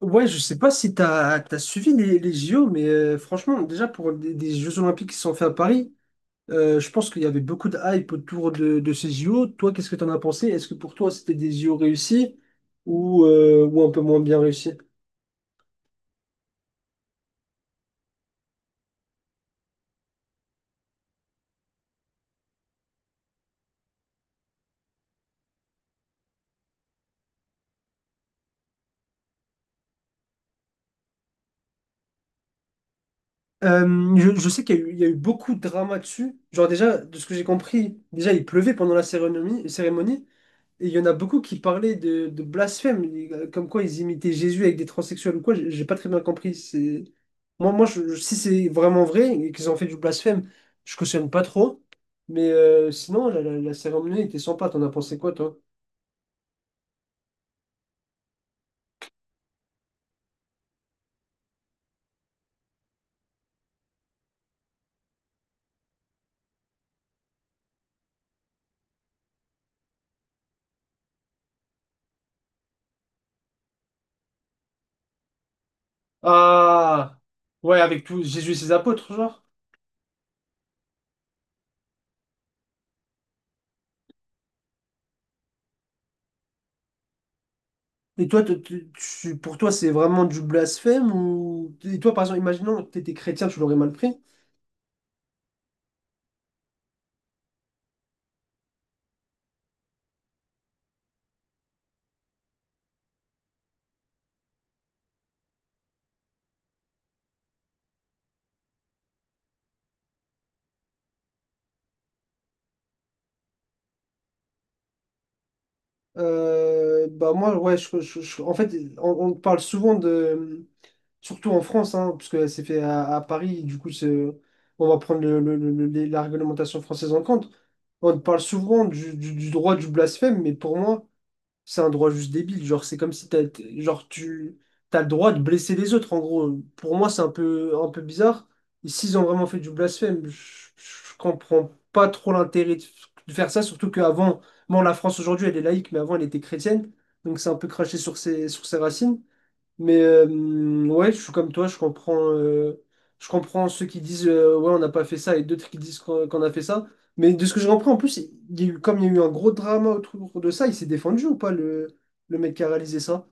Ouais, je sais pas si t'as as suivi les JO, mais franchement, déjà pour des Jeux Olympiques qui se sont faits à Paris, je pense qu'il y avait beaucoup de hype autour de ces JO. Toi, qu'est-ce que t'en as pensé? Est-ce que pour toi c'était des JO réussis ou un peu moins bien réussis? Je sais qu'il y a eu beaucoup de drama dessus. Genre déjà, de ce que j'ai compris, déjà il pleuvait pendant la cérémonie. Et il y en a beaucoup qui parlaient de blasphème, comme quoi ils imitaient Jésus avec des transsexuels ou quoi, j'ai pas très bien compris. Moi, si c'est vraiment vrai et qu'ils ont fait du blasphème, je cautionne pas trop. Mais sinon, la cérémonie était sympa, t'en as pensé quoi, toi? Ah! Ouais, avec tout Jésus et ses apôtres, genre. Et toi, pour toi, c'est vraiment du blasphème ou... Et toi, par exemple, imaginons que t'étais chrétien, tu l'aurais mal pris. Bah moi, ouais, en fait, on parle souvent de... Surtout en France, hein, parce que c'est fait à Paris, du coup, on va prendre la réglementation française en compte. On parle souvent du droit du blasphème, mais pour moi, c'est un droit juste débile. Genre, c'est comme si genre, tu as le droit de blesser les autres, en gros. Pour moi, c'est un peu bizarre. Et s'ils ont vraiment fait du blasphème, je comprends pas trop l'intérêt de faire ça, surtout qu'avant, bon, la France aujourd'hui, elle est laïque, mais avant, elle était chrétienne. Donc, c'est un peu craché sur sur ses racines. Mais ouais, je suis comme toi, je comprends ceux qui disent ouais, on n'a pas fait ça et d'autres qui disent qu'on a fait ça. Mais de ce que je comprends, en plus, il y a eu, comme il y a eu un gros drama autour de ça, il s'est défendu ou pas le mec qui a réalisé ça?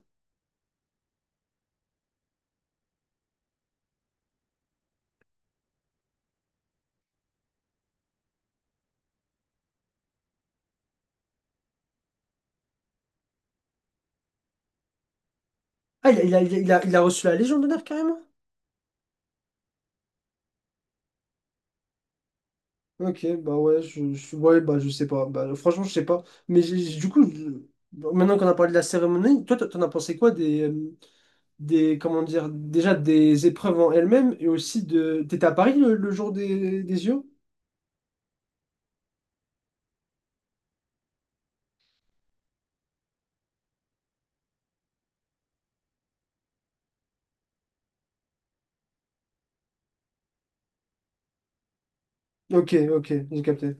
Ah, il a, il a, il a, il a- il a reçu la Légion d'honneur carrément? Ok, bah ouais, ouais, bah je sais pas. Bah, franchement, je sais pas. Mais du coup, maintenant qu'on a parlé de la cérémonie, toi, t'en as pensé quoi des, comment dire, déjà des épreuves en elles-mêmes et aussi de... T'étais à Paris le jour des JO? Ok, ok, j'ai capté.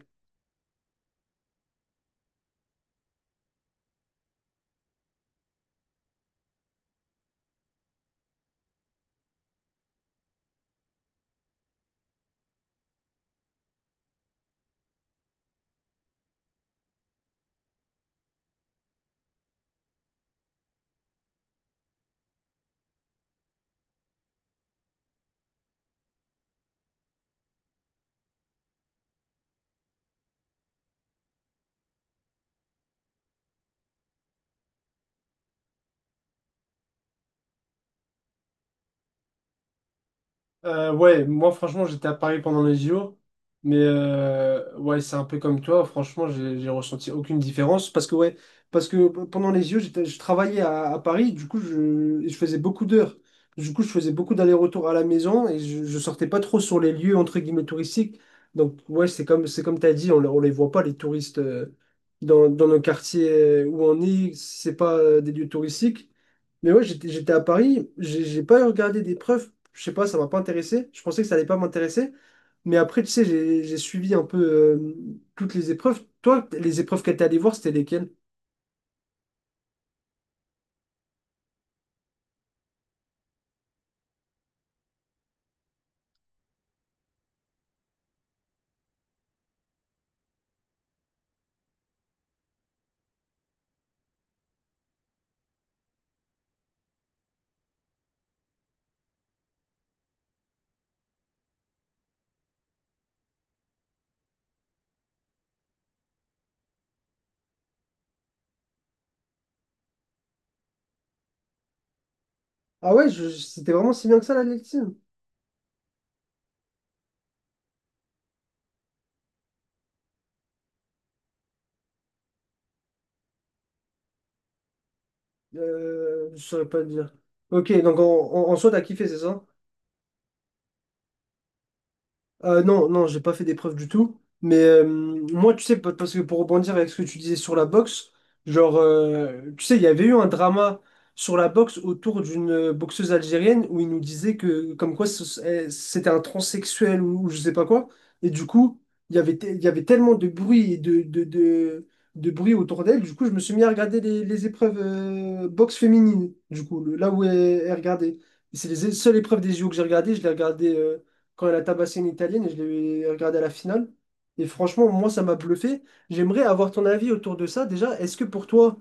Ouais, moi franchement j'étais à Paris pendant les JO, mais ouais c'est un peu comme toi, franchement j'ai ressenti aucune différence parce que ouais, pendant les JO je travaillais à Paris, du coup je faisais beaucoup d'heures, du coup je faisais beaucoup d'allers-retours à la maison et je sortais pas trop sur les lieux entre guillemets touristiques, donc ouais c'est comme t'as dit, on les voit pas les touristes dans nos quartiers où on est, c'est pas des lieux touristiques. Mais ouais, j'étais à Paris, j'ai pas regardé des preuves je sais pas, ça m'a pas intéressé. Je pensais que ça allait pas m'intéresser. Mais après, tu sais, j'ai suivi un peu euh, toutes les épreuves. Toi, les épreuves que t'es allé voir, c'était lesquelles? Ah ouais, c'était vraiment si bien que ça, l'athlétisme? Je saurais pas te dire. Ok, donc en soi, t'as kiffé, c'est ça? Non, non, j'ai pas fait d'épreuve du tout. Mais moi, tu sais, parce que pour rebondir avec ce que tu disais sur la boxe, genre, tu sais, il y avait eu un drama sur la boxe autour d'une boxeuse algérienne où il nous disait que, comme quoi, c'était un transsexuel ou je sais pas quoi. Et du coup, il y avait tellement de bruit et de bruit autour d'elle. Du coup, je me suis mis à regarder les épreuves boxe féminine, du coup, là où elle regardait. Et c'est les seules épreuves des JO que j'ai regardées. Je l'ai regardé quand elle a tabassé une Italienne et je l'ai regardé à la finale. Et franchement, moi, ça m'a bluffé. J'aimerais avoir ton avis autour de ça. Déjà, est-ce que pour toi,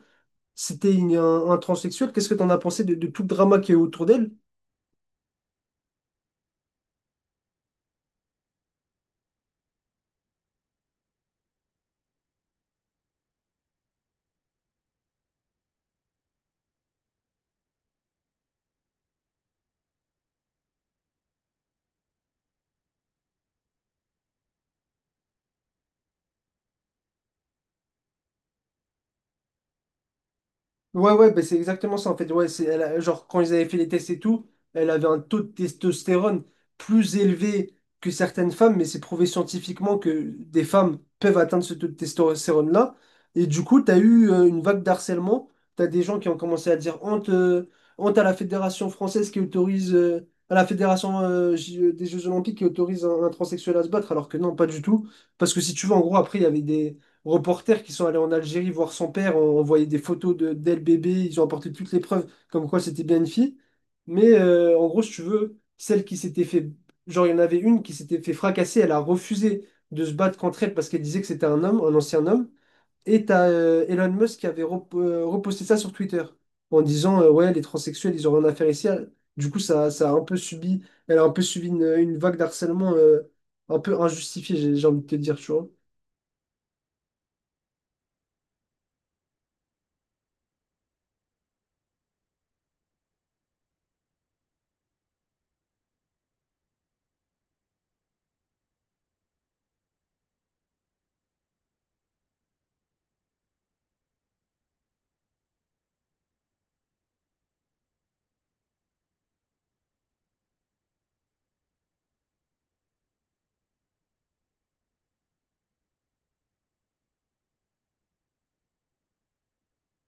c'était un transsexuel? Qu'est-ce que tu en as pensé de tout le drama qui est autour d'elle? Ouais, ouais, bah, c'est exactement ça en fait. Ouais, genre, quand ils avaient fait les tests et tout, elle avait un taux de testostérone plus élevé que certaines femmes, mais c'est prouvé scientifiquement que des femmes peuvent atteindre ce taux de testostérone-là. Et du coup, tu as eu une vague d'harcèlement. Tu as des gens qui ont commencé à dire honte à la Fédération française qui autorise, à la Fédération des Jeux Olympiques qui autorise un transsexuel à se battre, alors que non, pas du tout. Parce que si tu veux, en gros, après, il y avait des reporters qui sont allés en Algérie voir son père, on voyait des photos d'elle bébé, ils ont apporté toutes les preuves comme quoi c'était bien une fille. Mais en gros, si tu veux, celle qui s'était fait, genre il y en avait une qui s'était fait fracasser, elle a refusé de se battre contre elle parce qu'elle disait que c'était un homme, un ancien homme. Et t'as Elon Musk qui avait reposté ça sur Twitter en disant ouais les transsexuels ils ont rien à faire ici. Du coup ça a un peu subi, elle a un peu subi une vague d'harcèlement un peu injustifiée j'ai envie de te dire tu vois.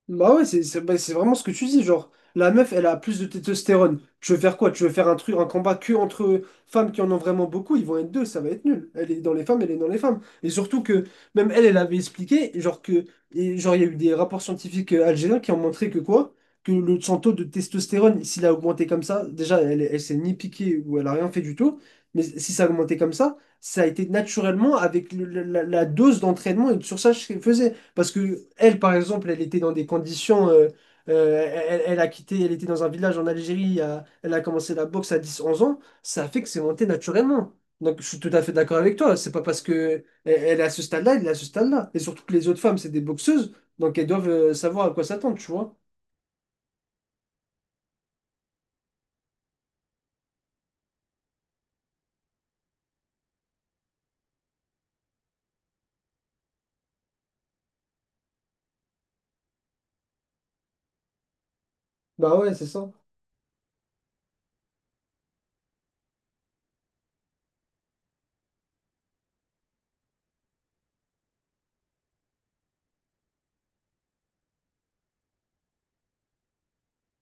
Bah ouais, bah, c'est vraiment ce que tu dis, genre, la meuf, elle a plus de testostérone. Tu veux faire quoi? Tu veux faire un truc, un combat que entre femmes qui en ont vraiment beaucoup, ils vont être deux, ça va être nul. Elle est dans les femmes, elle est dans les femmes. Et surtout que, même elle, elle avait expliqué, genre que, et genre, il y a eu des rapports scientifiques algériens qui ont montré que quoi? Que son taux de testostérone, s'il a augmenté comme ça, déjà, elle, elle s'est ni piquée ou elle a rien fait du tout, mais si ça a augmenté comme ça a été naturellement avec la dose d'entraînement et de surcharge qu'elle faisait. Parce que elle, par exemple, elle était dans des conditions. Elle a quitté, elle était dans un village en Algérie, elle a commencé la boxe à 10-11 ans. Ça fait que c'est monté naturellement. Donc je suis tout à fait d'accord avec toi. C'est pas parce que elle, elle est à ce stade-là, elle est à ce stade-là. Et surtout que les autres femmes, c'est des boxeuses, donc elles doivent savoir à quoi s'attendre, tu vois. Bah ouais, c'est ça.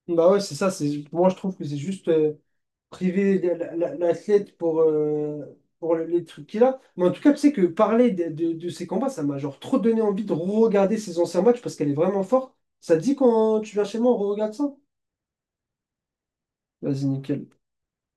Bah ouais, c'est ça. Moi, je trouve que c'est juste. Priver l'athlète pour les trucs qu'il a. Mais en tout cas, tu sais que parler de ces combats, ça m'a genre trop donné envie de regarder ses anciens matchs parce qu'elle est vraiment forte. Ça te dit quand tu viens chez moi, on regarde ça? Vas-y, nickel.